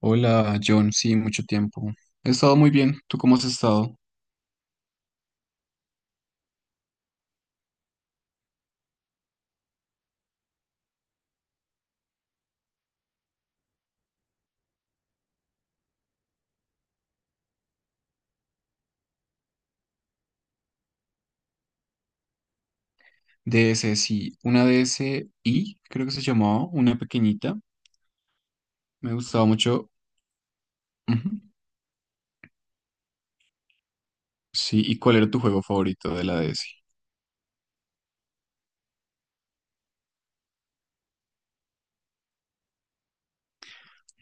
Hola, John. Sí, mucho tiempo. He estado muy bien. ¿Tú cómo has estado? DS, sí. Una DSi, creo que se llamaba, una pequeñita. Me gustaba mucho. Ujú. Sí, ¿y cuál era tu juego favorito de la DS?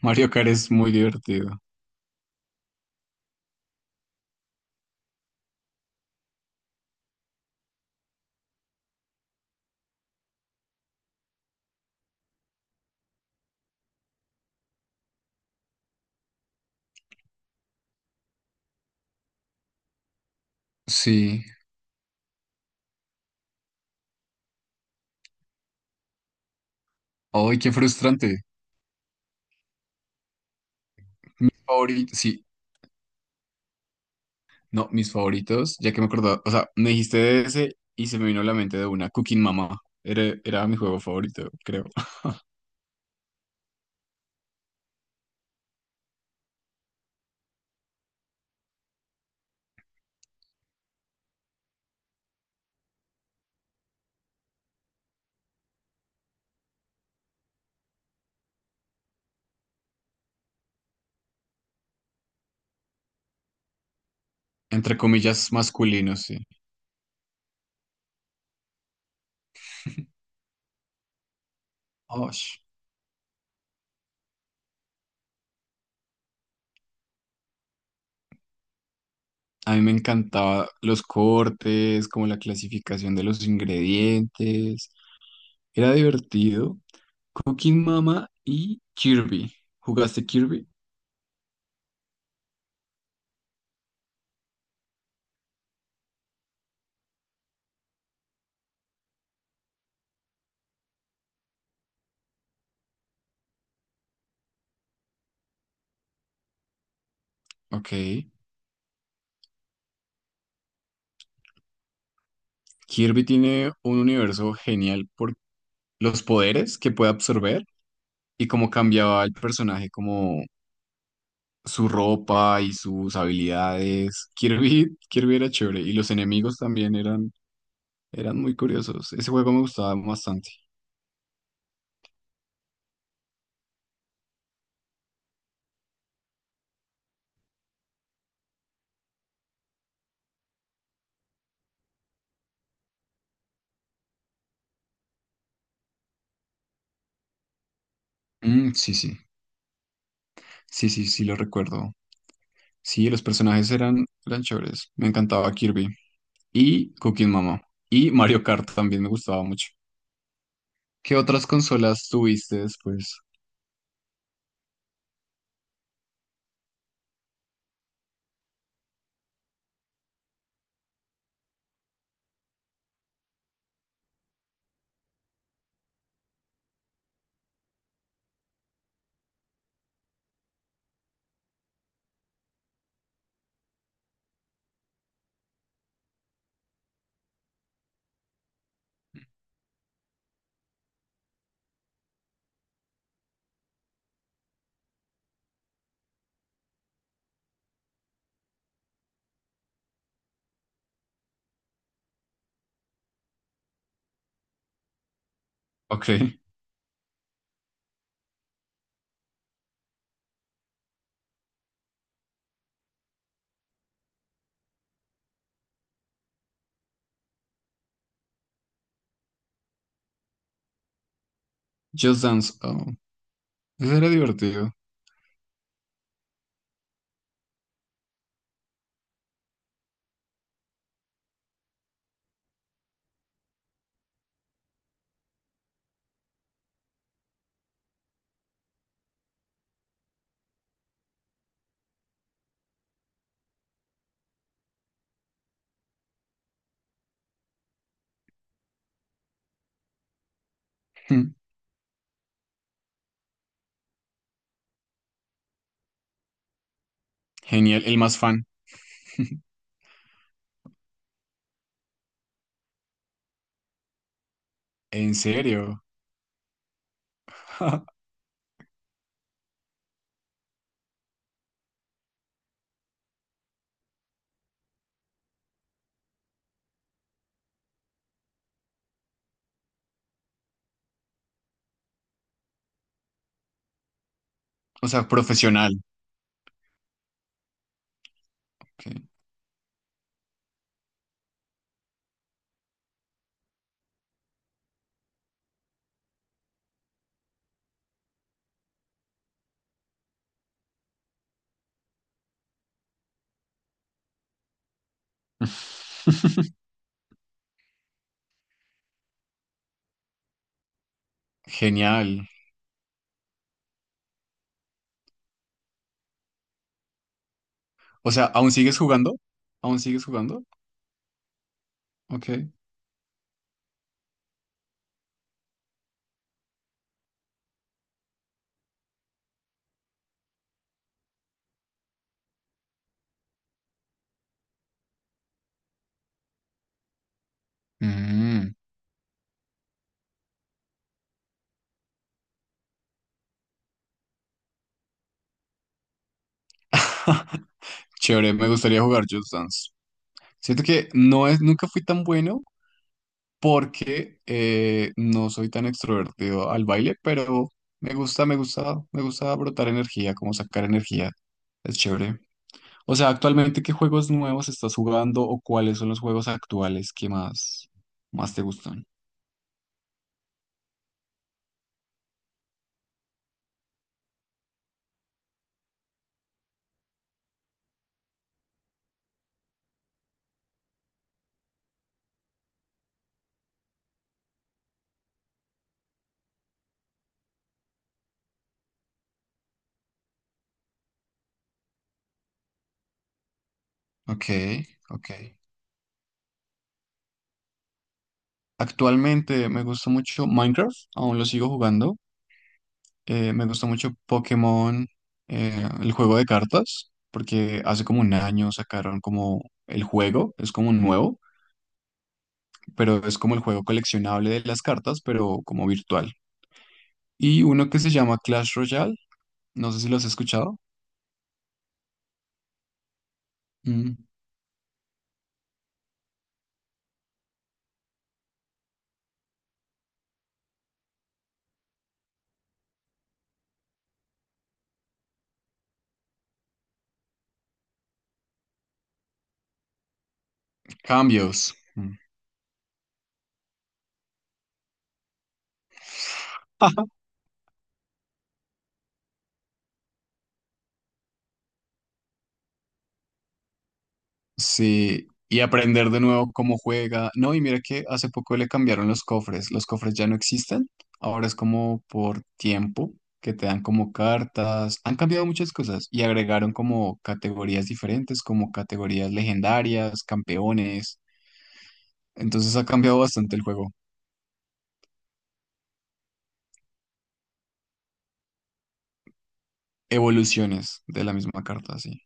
Mario Kart es muy divertido. Sí. Ay, qué frustrante. Favorito, sí. No, mis favoritos, ya que me acordaba. O sea, me dijiste DS y se me vino a la mente de una, Cooking Mama. Era mi juego favorito, creo. Entre comillas, masculino, sí. Osh. A mí me encantaba los cortes, como la clasificación de los ingredientes. Era divertido. Cooking Mama y Kirby. ¿Jugaste Kirby? Ok. Kirby tiene un universo genial por los poderes que puede absorber y cómo cambiaba el personaje, como su ropa y sus habilidades. Kirby, Kirby era chévere y los enemigos también eran muy curiosos. Ese juego me gustaba bastante. Mm, sí, sí. Sí, sí, sí, lo recuerdo. Sí, los personajes eran chéveres. Me encantaba Kirby y Cooking Mama. Y Mario Kart también me gustaba mucho. ¿Qué otras consolas tuviste después? Ok, Just Dance. Oh, ese era divertido. Hmm, genial, el más fan. ¿En serio? O sea, profesional. Ok. Genial. O sea, ¿aún sigues jugando? ¿Aún sigues jugando? Ok. Mm. Chévere, me gustaría jugar Just Dance. Siento que no es, nunca fui tan bueno, porque no soy tan extrovertido al baile, pero me gusta, me gusta, me gusta brotar energía, como sacar energía. Es chévere. O sea, actualmente, ¿qué juegos nuevos estás jugando o cuáles son los juegos actuales que más, más te gustan? Ok, ok. Actualmente me gusta mucho Minecraft, aún lo sigo jugando. Me gusta mucho Pokémon, el juego de cartas, porque hace como un año sacaron como el juego, es como nuevo. Pero es como el juego coleccionable de las cartas, pero como virtual. Y uno que se llama Clash Royale, no sé si lo has escuchado. Mm, cambios. Mm. Sí, y aprender de nuevo cómo juega. No, y mira que hace poco le cambiaron los cofres. Los cofres ya no existen. Ahora es como por tiempo que te dan como cartas. Han cambiado muchas cosas y agregaron como categorías diferentes, como categorías legendarias, campeones. Entonces ha cambiado bastante el juego. Evoluciones de la misma carta, sí.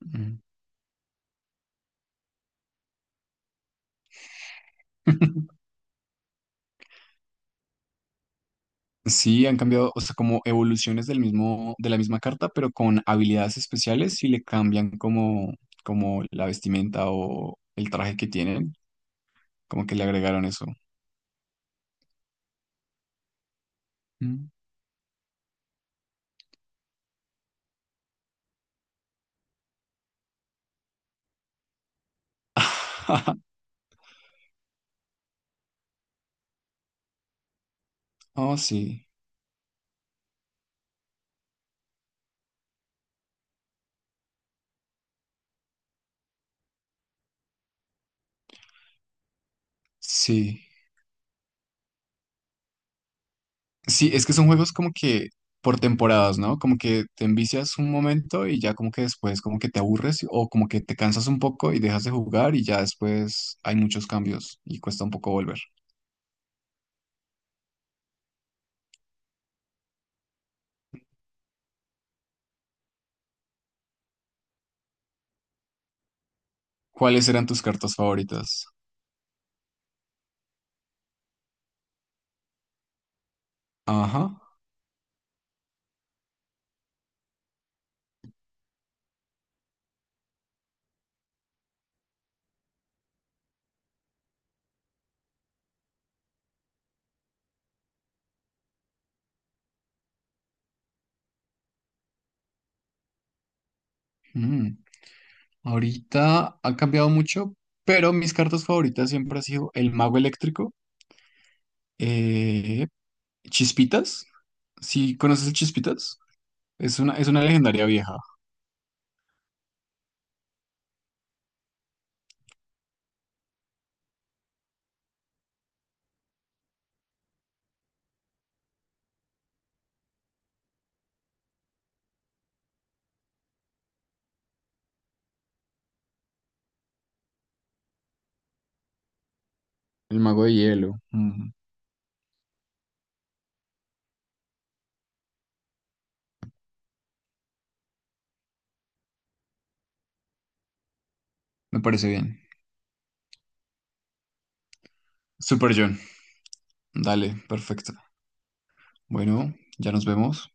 Ujú. Sí, han cambiado, o sea, como evoluciones del mismo, de la misma carta, pero con habilidades especiales y le cambian como, como la vestimenta o el traje que tienen, como que le agregaron eso. Mm. Oh, sí, sí. Sí, es que son juegos como que por temporadas, ¿no? Como que te envicias un momento y ya como que después como que te aburres o como que te cansas un poco y dejas de jugar y ya después hay muchos cambios y cuesta un poco volver. ¿Cuáles eran tus cartas favoritas? Ajá. Mm. Ahorita ha cambiado mucho, pero mis cartas favoritas siempre ha sido el mago eléctrico, eh, Chispitas. ¿Sí conoces el Chispitas? Es una legendaria vieja. El mago de hielo. Mm, me parece bien. Super John. Dale, perfecto. Bueno, ya nos vemos.